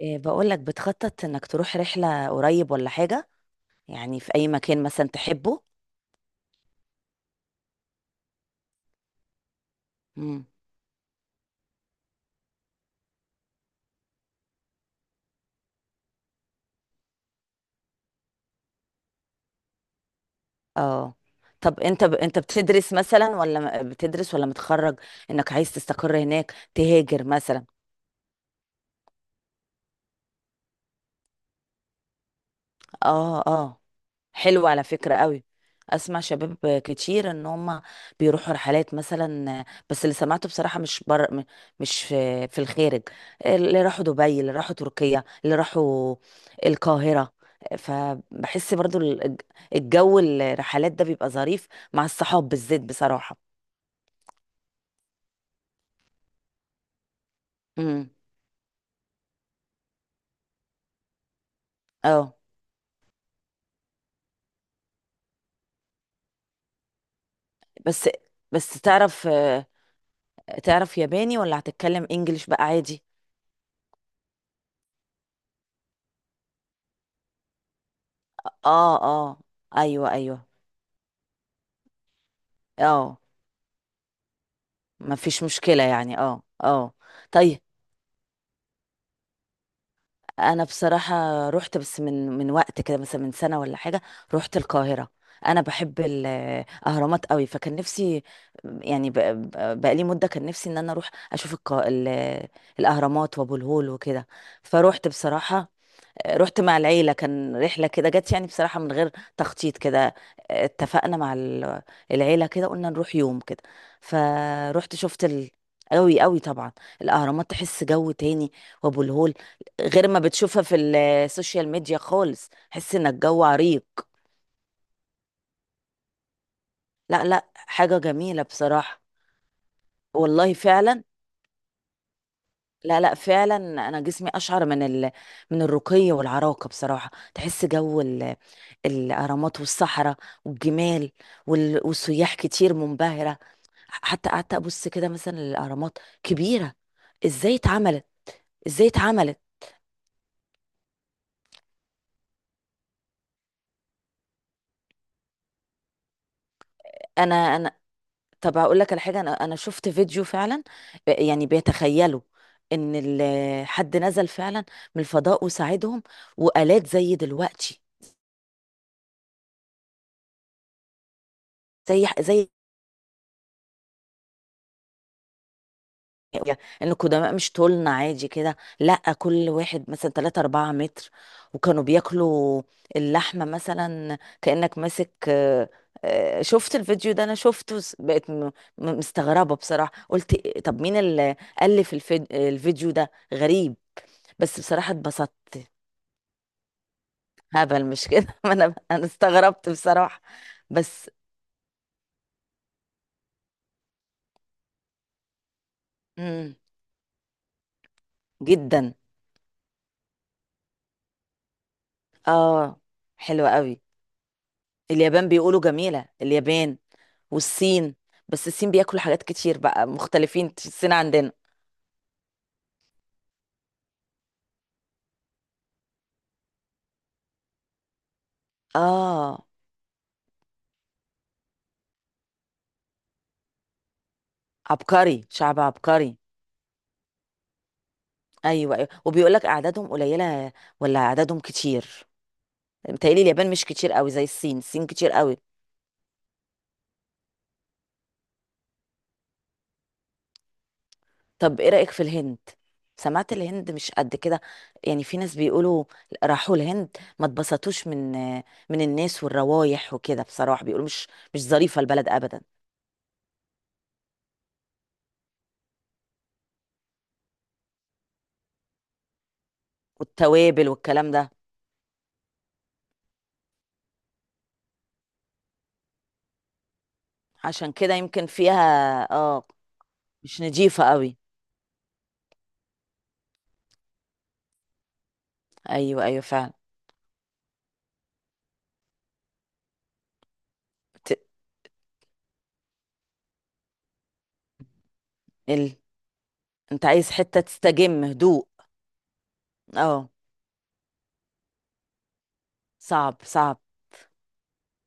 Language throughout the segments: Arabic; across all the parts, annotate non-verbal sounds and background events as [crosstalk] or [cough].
إيه بقول لك بتخطط انك تروح رحلة قريب ولا حاجة؟ يعني في اي مكان مثلا تحبه؟ مم. اه. طب انت انت بتدرس مثلا ولا بتدرس ولا متخرج؟ انك عايز تستقر هناك، تهاجر مثلا؟ اه اه. حلو على فكرة قوي. اسمع شباب كتير ان هم بيروحوا رحلات مثلا، بس اللي سمعته بصراحة مش مش في الخارج. اللي راحوا دبي، اللي راحوا تركيا، اللي راحوا القاهرة. فبحس برضو الجو الرحلات ده بيبقى ظريف مع الصحاب بالذات بصراحة. امم اه. بس بس تعرف ياباني ولا هتتكلم انجليش بقى عادي؟ اه اه، ايوه ايوه، اه، ما فيش مشكلة يعني، اه اه. طيب انا بصراحة رحت، بس من وقت كده مثلا، من سنة ولا حاجة، رحت القاهرة. انا بحب الاهرامات قوي، فكان نفسي يعني بقالي مدة كان نفسي ان انا اروح اشوف الاهرامات وابو الهول وكده. فروحت بصراحة، رحت مع العيلة، كان رحلة كده جت يعني بصراحة من غير تخطيط كده. اتفقنا مع العيلة كده قلنا نروح يوم كده، فروحت شفت قوي قوي طبعا. الأهرامات تحس جو تاني، وأبو الهول غير ما بتشوفها في السوشيال ميديا خالص. حس إن الجو عريق. لا لا، حاجة جميلة بصراحة. والله فعلا، لا لا فعلا، انا جسمي اشعر من من الرقي والعراقه بصراحه. تحس جو الاهرامات والصحراء والجمال والسياح كتير منبهره. حتى قعدت ابص كده مثلا للاهرامات كبيره، ازاي اتعملت، ازاي اتعملت. انا انا طب هقول لك على حاجه، انا شفت فيديو فعلا يعني بيتخيلوا ان حد نزل فعلا من الفضاء وساعدهم، والات زي دلوقتي، زي ان القدماء مش طولنا عادي كده، لا، كل واحد مثلا 3 4 متر، وكانوا بياكلوا اللحمه مثلا كانك ماسك شفت الفيديو ده؟ انا شفته مستغربه بصراحه، قلت طب مين اللي الفيديو ده غريب. بس بصراحه اتبسطت. هبل مش كده؟ [laughs] ما انا استغربت بصراحه. بس مم، جدا، اه. حلوه قوي. اليابان بيقولوا جميله، اليابان والصين. بس الصين بياكلوا حاجات كتير، بقى مختلفين الصين عندنا. اه، عبقري، شعب عبقري. ايوه ايوه، وبيقول لك اعدادهم قليله ولا اعدادهم كتير؟ متهيألي اليابان مش كتير قوي زي الصين. الصين كتير قوي. طب ايه رأيك في الهند؟ سمعت الهند مش قد كده، يعني في ناس بيقولوا راحوا الهند، ما اتبسطوش من الناس والروايح وكده، بصراحة بيقولوا مش ظريفة البلد ابدا. والتوابل والكلام ده. عشان كده يمكن فيها، اه، مش نظيفة قوي. ايوه ايوه فعلا. ت... ال... انت عايز حتة تستجم، هدوء؟ اه، صعب صعب.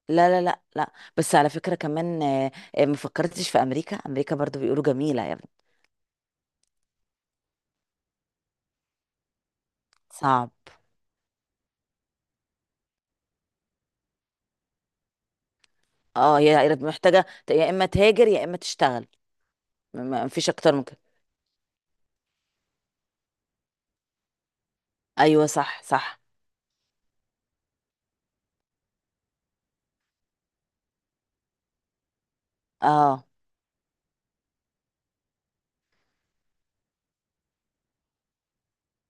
لا لا لا لا، بس على فكرة كمان ما فكرتش في امريكا؟ امريكا برضو بيقولوا جميلة يا ابني. صعب. اه، هي محتاجة يا اما تهاجر يا اما تشتغل، ما فيش اكتر من كده. ايوه صح صح. اه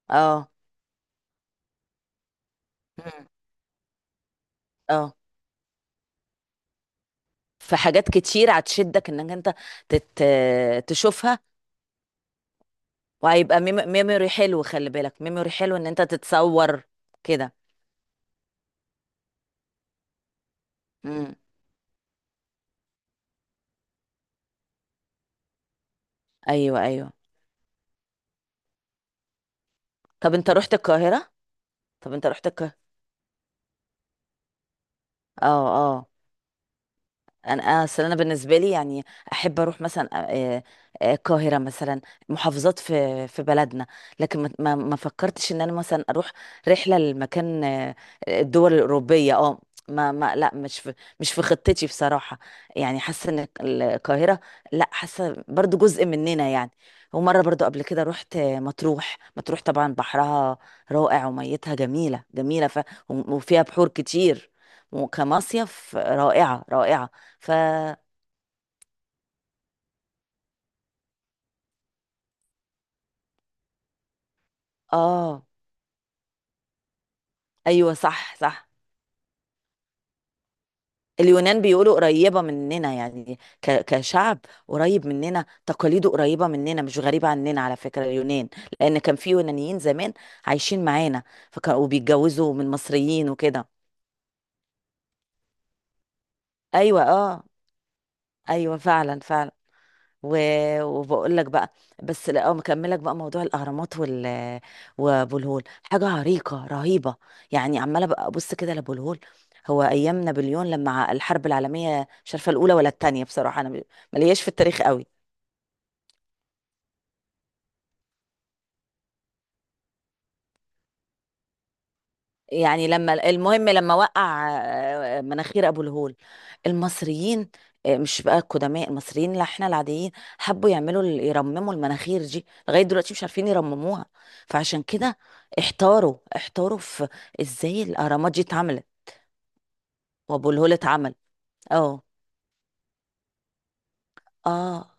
اه. مم. اه. في حاجات كتير هتشدك انك انت تت... تشوفها، وهيبقى ميموري حلو، خلي بالك، ميموري حلو ان انت تتصور كده. ايوه ايوه. طب انت رحت القاهرة؟ طب انت رحت القاهرة؟ اه آه. انا اصل انا بالنسبه لي يعني احب اروح مثلا القاهره مثلا، محافظات في بلدنا، لكن ما فكرتش ان انا مثلا اروح رحله لمكان الدول الاوروبيه، اه. ما ما لا، مش في، مش في خطتي بصراحه. يعني حاسه ان القاهره، لا، حاسه برضو جزء مننا يعني. ومره برضو قبل كده رحت مطروح. مطروح طبعا بحرها رائع وميتها جميله جميله وفيها بحور كتير، وكمصيف رائعه رائعه. ف اه ايوه صح صح. اليونان بيقولوا قريبة مننا يعني كشعب، قريب مننا، تقاليده قريبة مننا، مش غريبة عننا على فكرة اليونان، لأن كان في يونانيين زمان عايشين معانا، فكانوا وبيتجوزوا من مصريين وكده. أيوة اه، أيوة فعلا فعلا. و... وبقول لك بقى، بس لا، مكملك بقى موضوع الاهرامات وابو الهول، حاجه عريقه رهيبه يعني. عماله بقى ابص كده لابو الهول. هو ايام نابليون لما الحرب العالميه، مش عارفه الاولى ولا الثانيه بصراحه، انا مالياش في التاريخ قوي، يعني لما، المهم، لما وقع مناخير ابو الهول، المصريين مش بقى القدماء، المصريين اللي احنا العاديين، حبوا يعملوا، يرمموا المناخير دي، لغايه دلوقتي مش عارفين يرمموها. فعشان كده احتاروا في ازاي الاهرامات دي اتعملت وابو الهول اتعمل. اه اه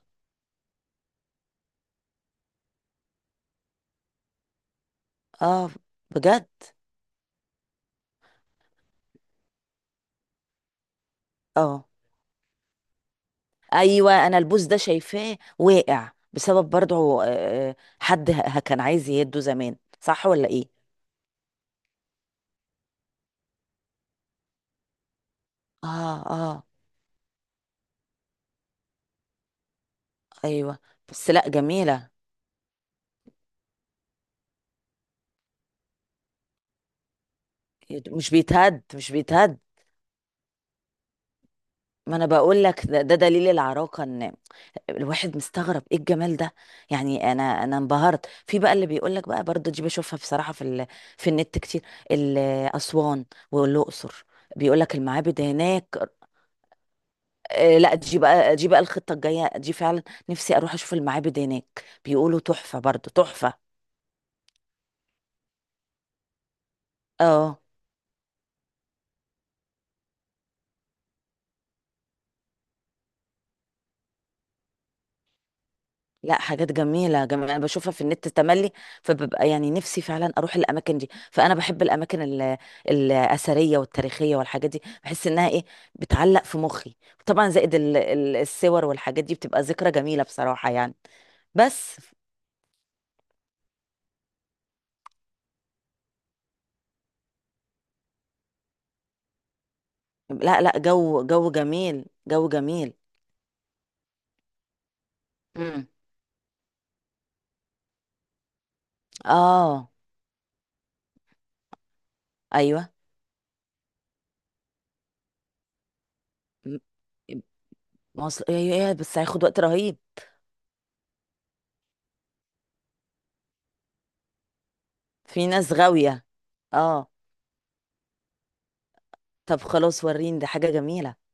اه، بجد. اه ايوه، انا البوز ده شايفاه واقع بسبب برضه حد كان عايز يهده زمان، صح ولا ايه؟ اه اه ايوه. بس لا جميله. مش بيتهد، مش بيتهد. ما انا بقول لك، ده دليل العراقه، ان الواحد مستغرب ايه الجمال ده. يعني انا انبهرت في بقى اللي بيقول لك بقى، برضه دي بشوفها بصراحه في في النت كتير، ال- اسوان والاقصر، بيقول لك المعابد هناك لا، دي بقى، دي بقى الخطه الجايه دي فعلا. نفسي اروح اشوف المعابد هناك، بيقولوا تحفه، برضه تحفه. اه، لا حاجات جميلة جميلة، أنا بشوفها في النت تملي. فببقى يعني نفسي فعلا أروح الأماكن دي، فأنا بحب الأماكن الأثرية والتاريخية والحاجات دي، بحس إنها إيه، بتعلق في مخي. طبعا زائد الصور والحاجات دي بتبقى ذكرى جميلة بصراحة يعني. بس لا لا، جو جو جميل، جو جميل. امم، آه، أيوه. م- مصر. أيوه أيوة، بس هياخد وقت رهيب. في ناس غاوية، آه. طب خلاص، وريني، ده حاجة جميلة.